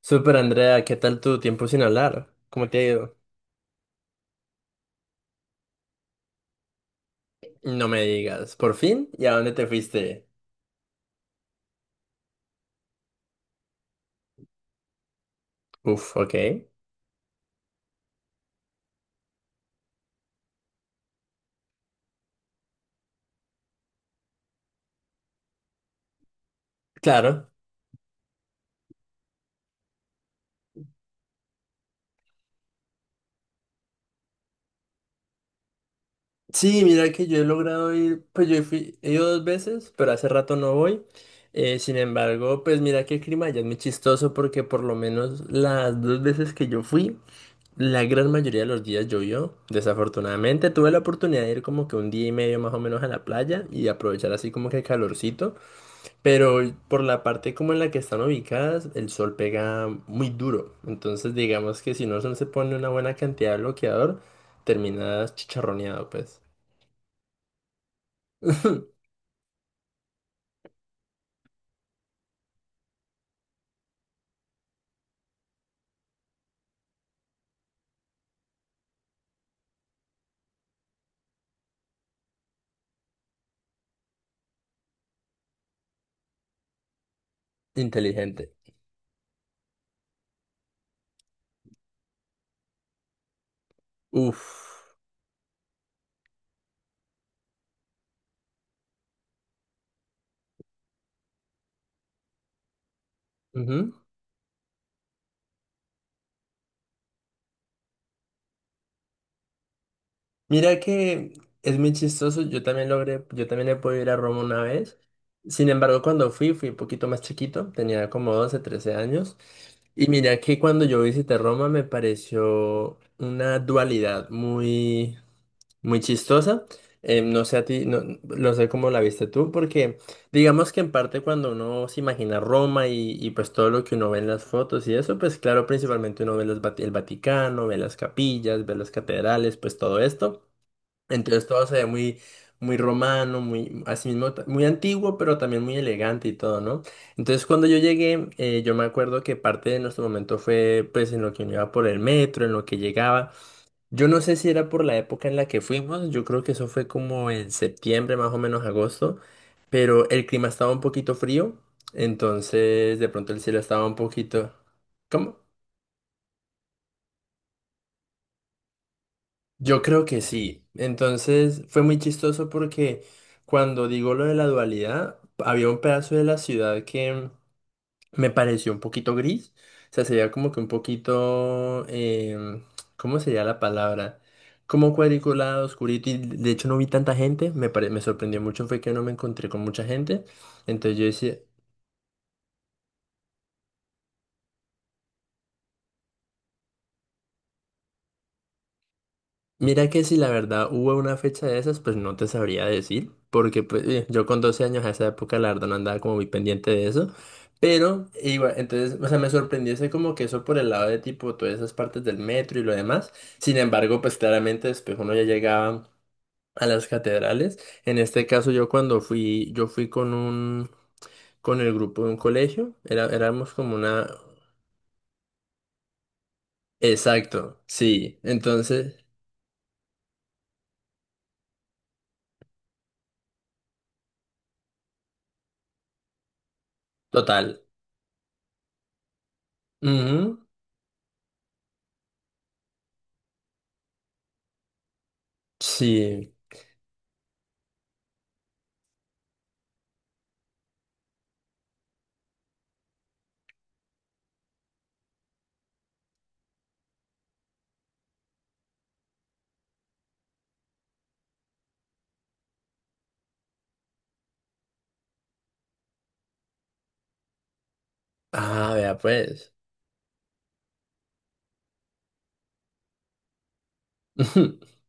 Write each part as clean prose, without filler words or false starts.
Super Andrea, ¿qué tal tu tiempo sin hablar? ¿Cómo te ha ido? No me digas, ¿por fin? ¿Y a dónde te fuiste? Uf, ok. Claro. Sí, mira que yo he logrado ir, pues yo fui, he ido dos veces, pero hace rato no voy. Sin embargo, pues mira que el clima ya es muy chistoso porque por lo menos las dos veces que yo fui, la gran mayoría de los días llovió. Desafortunadamente tuve la oportunidad de ir como que un día y medio más o menos a la playa y aprovechar así como que el calorcito. Pero por la parte como en la que están ubicadas, el sol pega muy duro. Entonces, digamos que si no se pone una buena cantidad de bloqueador, terminas chicharroneado, pues. Inteligente. Uf. Ujú. Mira que es muy chistoso. Yo también logré, yo también he podido ir a Roma una vez. Sin embargo, cuando fui, fui un poquito más chiquito. Tenía como 12 13 años. Y mira que cuando yo visité Roma me pareció una dualidad muy muy chistosa. No sé a ti, no, no sé cómo la viste tú, porque digamos que en parte cuando uno se imagina Roma y pues todo lo que uno ve en las fotos y eso, pues claro, principalmente uno ve los el Vaticano, ve las capillas, ve las catedrales, pues todo esto. Entonces todo se ve muy, muy romano, muy, así mismo, muy antiguo, pero también muy elegante y todo, ¿no? Entonces cuando yo llegué, yo me acuerdo que parte de nuestro momento fue pues en lo que uno iba por el metro, en lo que llegaba. Yo no sé si era por la época en la que fuimos, yo creo que eso fue como en septiembre, más o menos agosto, pero el clima estaba un poquito frío, entonces de pronto el cielo estaba un poquito... ¿Cómo? Yo creo que sí. Entonces fue muy chistoso porque cuando digo lo de la dualidad, había un pedazo de la ciudad que me pareció un poquito gris. O sea, sería como que un poquito, ¿cómo sería la palabra? Como cuadriculado, oscurito, y de hecho no vi tanta gente. Me, me sorprendió mucho fue que no me encontré con mucha gente. Entonces yo decía, mira que si la verdad hubo una fecha de esas, pues no te sabría decir, porque pues, yo con 12 años a esa época la verdad no andaba como muy pendiente de eso. Pero igual, entonces, o sea, me sorprendió ese como que eso por el lado de tipo todas esas partes del metro y lo demás. Sin embargo, pues claramente después uno ya llegaba a las catedrales. En este caso yo cuando fui, yo fui con un, con el grupo de un colegio, era, éramos como una... Exacto, sí. Entonces, total. Ujú. Sí. Ah, vea pues.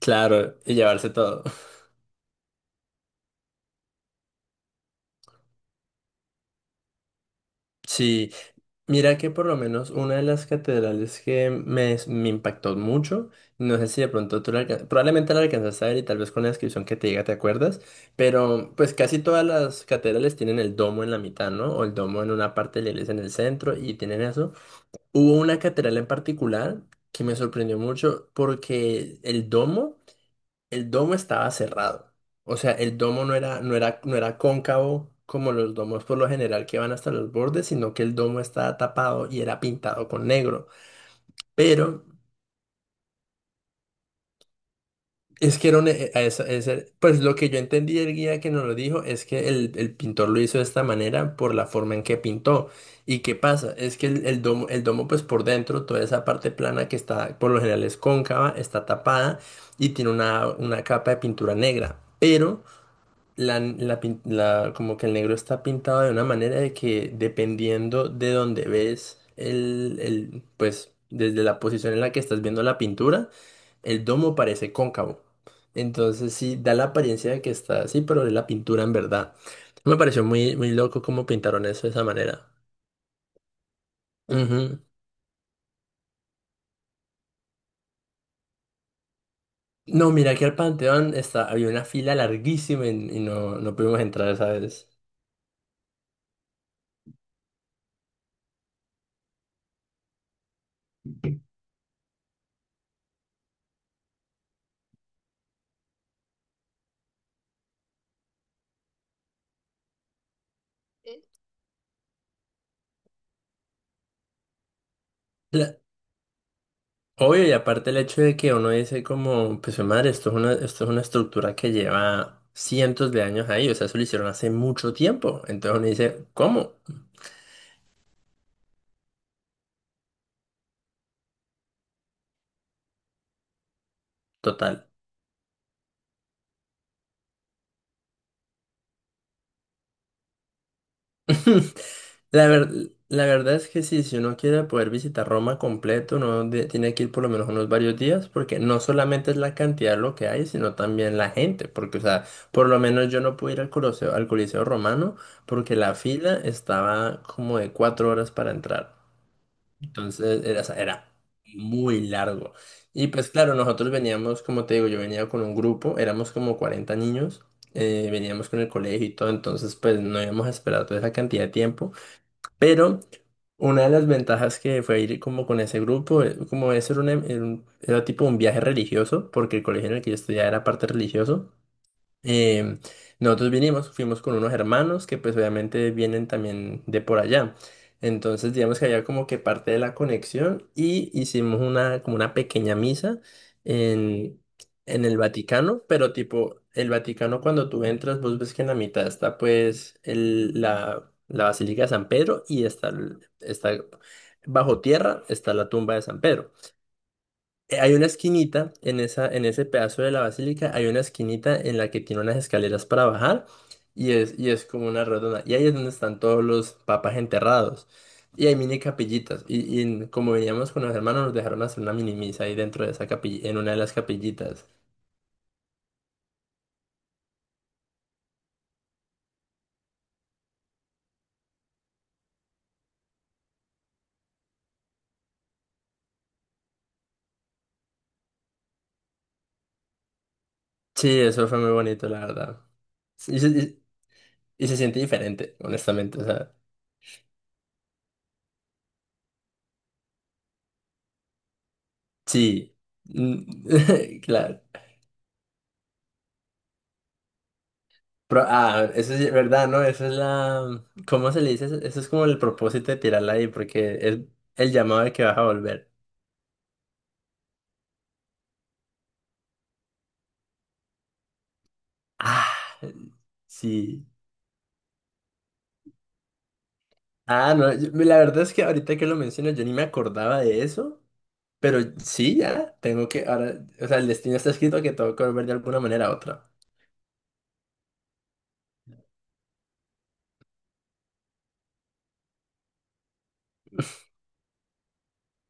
Claro, y llevarse todo. Sí, mira que por lo menos una de las catedrales que me impactó mucho, no sé si de pronto tú la probablemente la alcanzaste a ver y tal vez con la descripción que te diga te acuerdas, pero pues casi todas las catedrales tienen el domo en la mitad, ¿no? O el domo en una parte de la iglesia en el centro y tienen eso. Hubo una catedral en particular que me sorprendió mucho porque el domo... El domo estaba cerrado. O sea, el domo no era cóncavo como los domos por lo general que van hasta los bordes, sino que el domo estaba tapado y era pintado con negro. Pero es que era pues lo que yo entendí del guía que nos lo dijo es que el pintor lo hizo de esta manera por la forma en que pintó. ¿Y qué pasa? Es que el domo, pues por dentro, toda esa parte plana que está, por lo general es cóncava, está tapada y tiene una capa de pintura negra. Pero como que el negro está pintado de una manera de que dependiendo de donde ves pues desde la posición en la que estás viendo la pintura, el domo parece cóncavo. Entonces sí, da la apariencia de que está así, pero es la pintura en verdad. Me pareció muy, muy loco cómo pintaron eso de esa manera. Ujú. No, mira que al Panteón está, había una fila larguísima y no, no pudimos entrar esa vez. Obvio, y aparte el hecho de que uno dice como, pues "Jue madre, esto es esto es una estructura que lleva cientos de años ahí, o sea, eso lo hicieron hace mucho tiempo. Entonces uno dice, ¿cómo? Total. La verdad es que sí, si uno quiere poder visitar Roma completo, tiene que ir por lo menos unos varios días, porque no solamente es la cantidad de lo que hay, sino también la gente, porque, o sea, por lo menos yo no pude ir al Coliseo Romano, porque la fila estaba como de cuatro horas para entrar. Entonces era, o sea, era muy largo. Y pues claro, nosotros veníamos, como te digo, yo venía con un grupo, éramos como 40 niños, veníamos con el colegio y todo, entonces pues no íbamos a esperar toda esa cantidad de tiempo. Pero una de las ventajas que fue ir como con ese grupo, como eso era, un em- era un- era tipo un viaje religioso, porque el colegio en el que yo estudiaba era parte religioso. Em, Nosotros vinimos, fuimos con unos hermanos que pues obviamente vienen también de por allá. Entonces digamos que había como que parte de la conexión y hicimos una pequeña misa en, en el Vaticano, pero tipo el Vaticano cuando tú entras vos ves que en la mitad está pues la Basílica de San Pedro y está, está bajo tierra está la tumba de San Pedro. Hay una esquinita en esa, en ese pedazo de la basílica, hay una esquinita en la que tiene unas escaleras para bajar y es como una redonda. Y ahí es donde están todos los papas enterrados. Y hay mini capillitas. Y como veníamos con los hermanos, nos dejaron hacer una mini misa ahí dentro de esa capilla, en una de las capillitas. Sí, eso fue muy bonito, la verdad. Sí, y se siente diferente, honestamente. O sea, sí. Mm, claro. Eso es verdad, ¿no? Eso es la... ¿Cómo se le dice? Eso es como el propósito de tirarla ahí, porque es el llamado de que vas a volver. Ah, sí. Ah, no, la verdad es que ahorita que lo mencionas, yo ni me acordaba de eso, pero sí, ya, tengo que, ahora, o sea, el destino está escrito que tengo que volver de alguna manera a otra.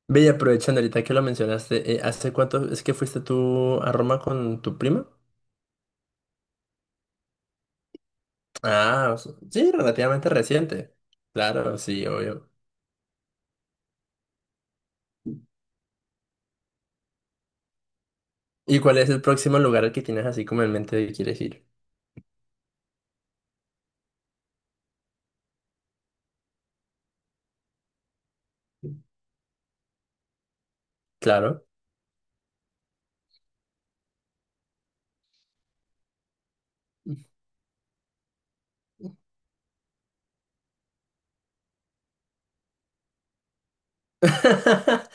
Ve, y aprovechando ahorita que lo mencionaste, ¿hace cuánto es que fuiste tú a Roma con tu prima? Ah, o sea, sí, relativamente reciente. Claro, sí, obvio. ¿Y cuál es el próximo lugar al que tienes así como en mente de que quieres ir? Claro.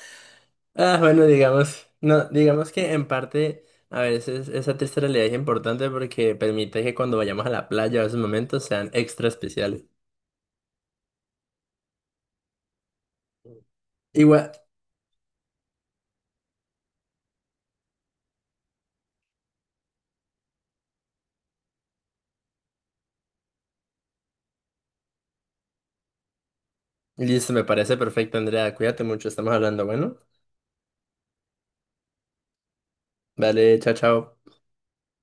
Ah, bueno, digamos, no, digamos que en parte a veces esa triste realidad es importante porque permite que cuando vayamos a la playa o esos momentos sean extra especiales. Igual, listo, me parece perfecto, Andrea. Cuídate mucho, estamos hablando, bueno. Vale, chao, chao.